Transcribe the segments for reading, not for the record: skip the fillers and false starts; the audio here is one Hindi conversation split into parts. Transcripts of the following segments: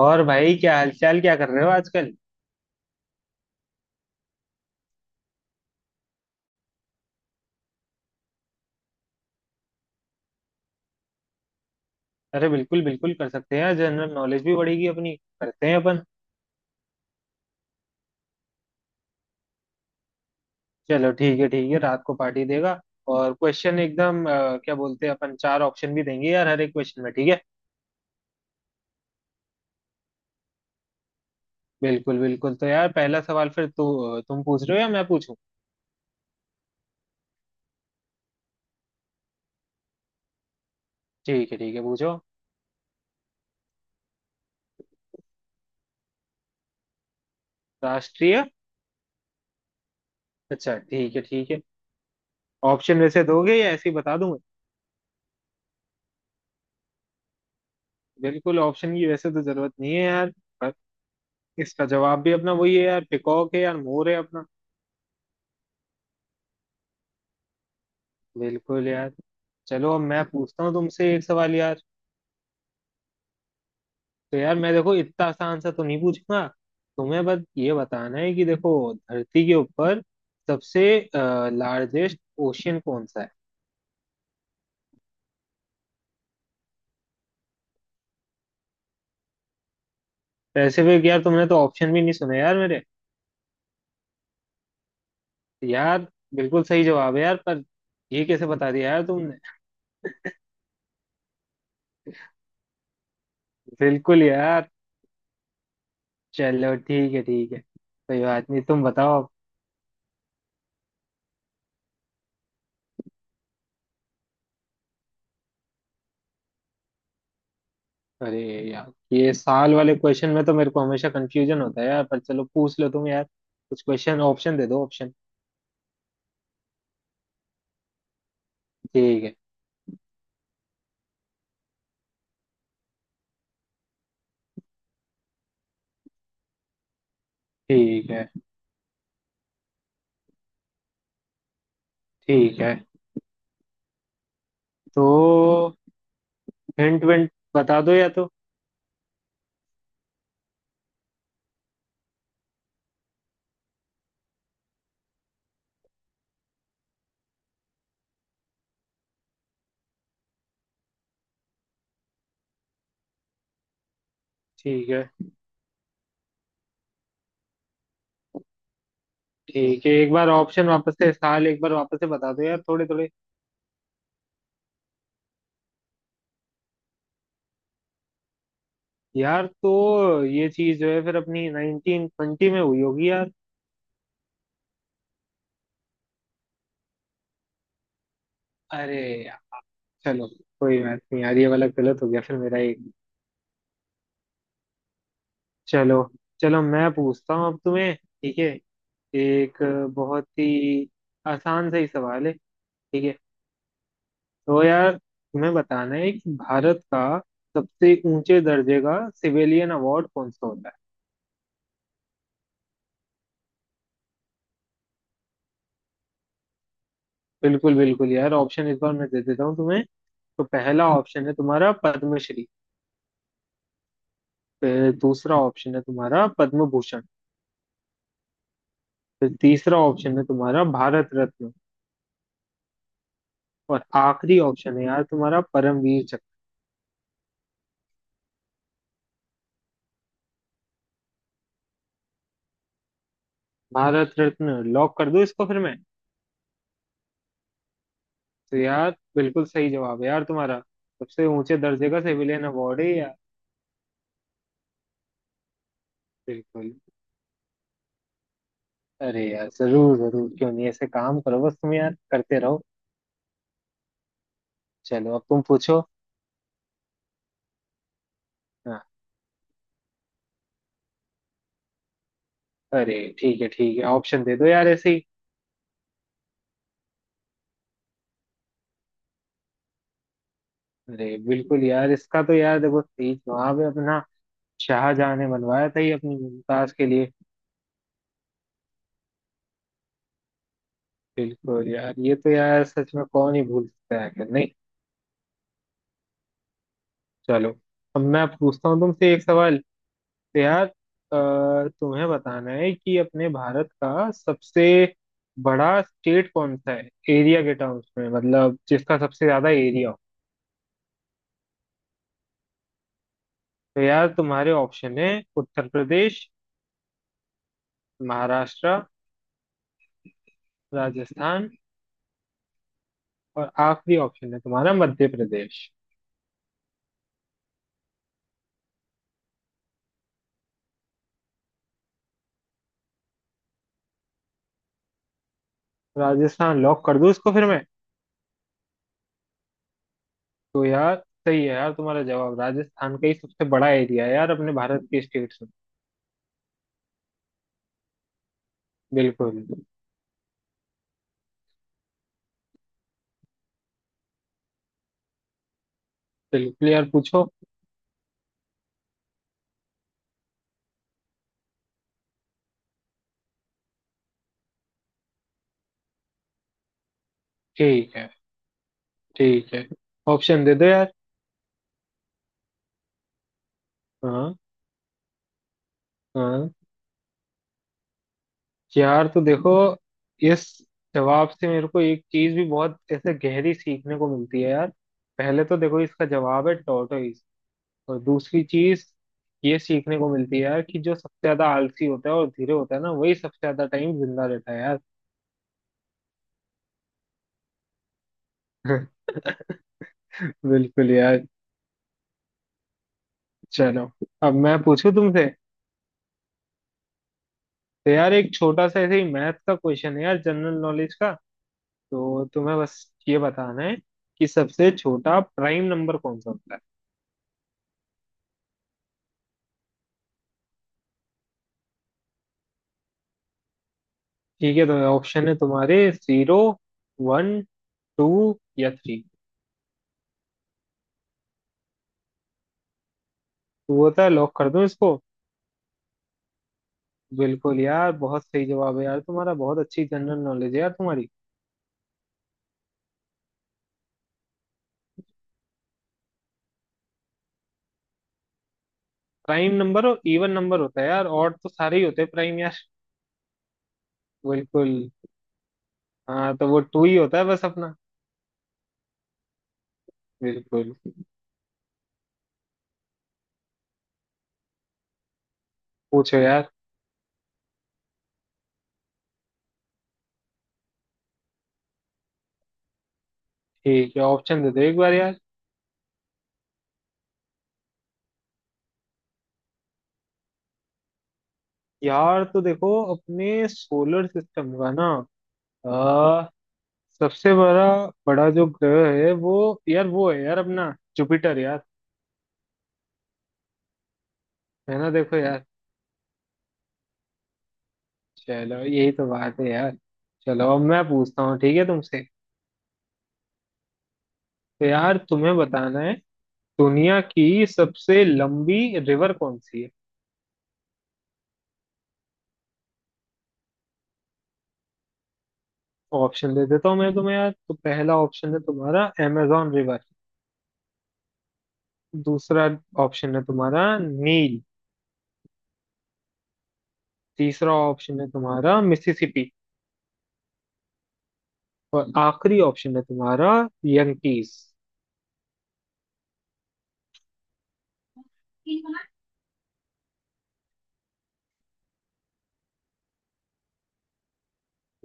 और भाई, क्या हालचाल? क्या कर रहे हो आजकल? अरे, बिल्कुल बिल्कुल, कर सकते हैं। जनरल नॉलेज भी बढ़ेगी अपनी। करते हैं अपन। चलो, ठीक है ठीक है, रात को पार्टी देगा। और क्वेश्चन एकदम क्या बोलते हैं अपन, चार ऑप्शन भी देंगे यार हर एक क्वेश्चन में। ठीक है? बिल्कुल बिल्कुल, तो यार पहला सवाल फिर तू तुम पूछ रहे हो या मैं पूछूं? ठीक है ठीक है, पूछो। राष्ट्रीय। अच्छा, ठीक है ठीक है। ऑप्शन वैसे दोगे या ऐसे ही बता दूं मैं? बिल्कुल, ऑप्शन की वैसे तो जरूरत नहीं है यार। पर, इसका जवाब भी अपना वही है यार, पिकॉक है यार, मोर है अपना। बिल्कुल यार। चलो, अब मैं पूछता हूँ तुमसे एक सवाल यार। तो यार, मैं देखो इतना आसान सा तो नहीं पूछूंगा। तुम्हें बस ये बताना है कि देखो धरती के ऊपर सबसे लार्जेस्ट ओशियन कौन सा है। पैसिफिक? यार तुमने तो ऑप्शन भी नहीं सुने यार मेरे। यार, बिल्कुल सही जवाब है यार, पर ये कैसे बता दिया यार तुमने? बिल्कुल यार। चलो, ठीक है ठीक है, कोई बात नहीं, तुम बताओ। अरे यार, ये साल वाले क्वेश्चन में तो मेरे को हमेशा कंफ्यूजन होता है यार, पर चलो पूछ लो तुम यार कुछ क्वेश्चन, ऑप्शन दे दो, ऑप्शन। ठीक है ठीक है ठीक है, तो हिंट विंट बता दो या तो। ठीक है ठीक है, एक बार ऑप्शन वापस से, साल एक बार वापस से बता दो यार, थोड़े थोड़े। यार तो ये चीज जो है फिर अपनी 1920 में हुई होगी यार। अरे यार, चलो कोई बात नहीं यार, ये वाला गलत हो गया फिर मेरा एक। चलो, चलो मैं पूछता हूँ अब तुम्हें। ठीक है? एक बहुत ही आसान सा ही सवाल है। ठीक है? तो यार, तुम्हें बताना है कि भारत का सबसे ऊंचे दर्जे का सिविलियन अवार्ड कौन सा होता है। बिल्कुल बिल्कुल यार, ऑप्शन इस बार मैं दे देता हूँ तुम्हें। तो पहला ऑप्शन है तुम्हारा पद्मश्री। फिर दूसरा ऑप्शन है तुम्हारा पद्म भूषण। फिर तीसरा ऑप्शन है तुम्हारा भारत रत्न। और आखिरी ऑप्शन है यार तुम्हारा परमवीर चक्र। भारत रत्न लॉक कर दूं इसको फिर मैं? तो यार बिल्कुल सही जवाब है यार तुम्हारा। सबसे ऊंचे दर्जे का सिविलियन अवार्ड है यार। बिल्कुल। अरे यार, जरूर जरूर, क्यों नहीं, ऐसे काम करो बस तुम यार, करते रहो। चलो, अब तुम पूछो। हाँ। अरे ठीक है ठीक है, ऑप्शन दे दो यार ऐसे ही। अरे बिल्कुल यार, इसका तो यार देखो सही जवाब है अपना, शाहजहां ने बनवाया था ये अपनी मुमताज के लिए। बिल्कुल यार, ये तो यार सच में कौन ही भूल सकता है आखिर, नहीं? चलो, अब मैं पूछता हूँ तुमसे एक सवाल। तो यार तुम्हें बताना है कि अपने भारत का सबसे बड़ा स्टेट कौन सा है एरिया के टर्म्स में, मतलब जिसका सबसे ज्यादा एरिया हो। तो यार, तुम्हारे ऑप्शन है उत्तर प्रदेश, महाराष्ट्र, राजस्थान, और आखिरी ऑप्शन है तुम्हारा मध्य प्रदेश। राजस्थान लॉक कर दूं इसको फिर मैं? तो यार सही है यार तुम्हारा जवाब, राजस्थान का ही सबसे बड़ा एरिया है यार अपने भारत के स्टेट्स में। बिल्कुल। बिल्कुल यार, पूछो। ठीक है, ठीक है ऑप्शन दे दो यार। हाँ हाँ। यार तो देखो, इस जवाब से मेरे को एक चीज भी बहुत ऐसे गहरी सीखने को मिलती है यार। पहले तो देखो इसका जवाब है टॉर्टोइज। और दूसरी चीज ये सीखने को मिलती है यार कि जो सबसे ज्यादा आलसी होता है और धीरे होता है ना, वही सबसे ज्यादा टाइम जिंदा रहता है यार। बिल्कुल यार। चलो, अब मैं पूछूं तुमसे। तो यार, एक छोटा सा ऐसे ही मैथ का क्वेश्चन है यार, जनरल नॉलेज का। तो तुम्हें बस ये बताना है कि सबसे छोटा प्राइम नंबर कौन सा होता है। ठीक है, तो ऑप्शन है तुम्हारे जीरो, वन, टू या थ्री। तो वो था? लॉक कर दूं इसको? बिल्कुल यार, बहुत सही जवाब है यार तुम्हारा, बहुत अच्छी जनरल नॉलेज है यार तुम्हारी। प्राइम नंबर और इवन नंबर होता है यार, और तो सारे ही होते हैं प्राइम यार। बिल्कुल। हाँ, तो वो टू ही होता है बस अपना। बिल्कुल। पूछो यार। ठीक है, ऑप्शन दे दो एक बार यार। यार तो देखो अपने सोलर सिस्टम का ना, आ, सबसे बड़ा बड़ा जो ग्रह है वो, यार वो है यार अपना जुपिटर यार। है ना? देखो यार। चलो, यही तो बात है यार। चलो अब मैं पूछता हूँ, ठीक है, तुमसे। तो यार तुम्हें बताना है दुनिया की सबसे लंबी रिवर कौन सी है। ऑप्शन दे देता हूँ मैं तुम्हें यार, तो पहला ऑप्शन है तुम्हारा amazon रिवर। दूसरा ऑप्शन है तुम्हारा नील। तीसरा ऑप्शन है तुम्हारा मिसिसिपी। और आखिरी ऑप्शन है तुम्हारा यंकीस।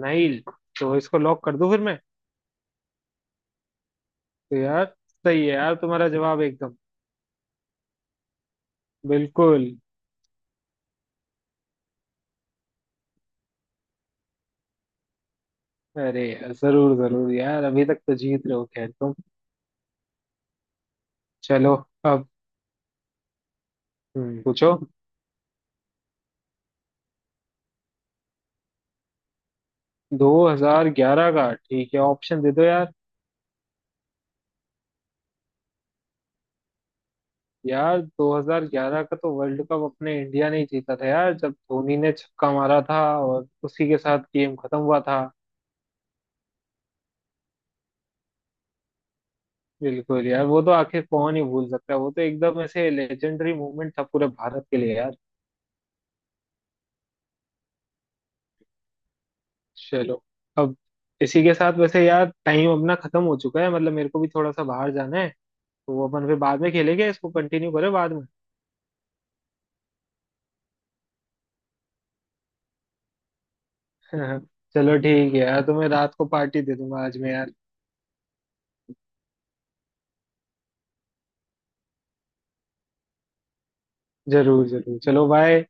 नाइल? तो इसको लॉक कर दूं फिर मैं? तो यार सही है यार तुम्हारा जवाब एकदम। बिल्कुल। अरे, जरूर जरूर यार, अभी तक तो जीत रहे हो खैर तुम। चलो, अब पूछो। 2011 का? ठीक है, ऑप्शन दे दो यार। यार 2011 का तो वर्ल्ड कप अपने इंडिया ने ही जीता था यार, जब धोनी ने छक्का मारा था और उसी के साथ गेम खत्म हुआ था। बिल्कुल यार, वो तो आखिर कौन ही भूल सकता है, वो तो एकदम ऐसे लेजेंडरी मूवमेंट था पूरे भारत के लिए यार। चलो, अब इसी के साथ वैसे यार टाइम अपना खत्म हो चुका है, मतलब मेरे को भी थोड़ा सा बाहर जाना है। तो वो अपन फिर बाद में खेलेंगे, इसको कंटिन्यू करें बाद में? चलो ठीक है यार, तुम्हें रात को पार्टी दे दूंगा आज मैं यार। जरूर जरूर, चलो बाय।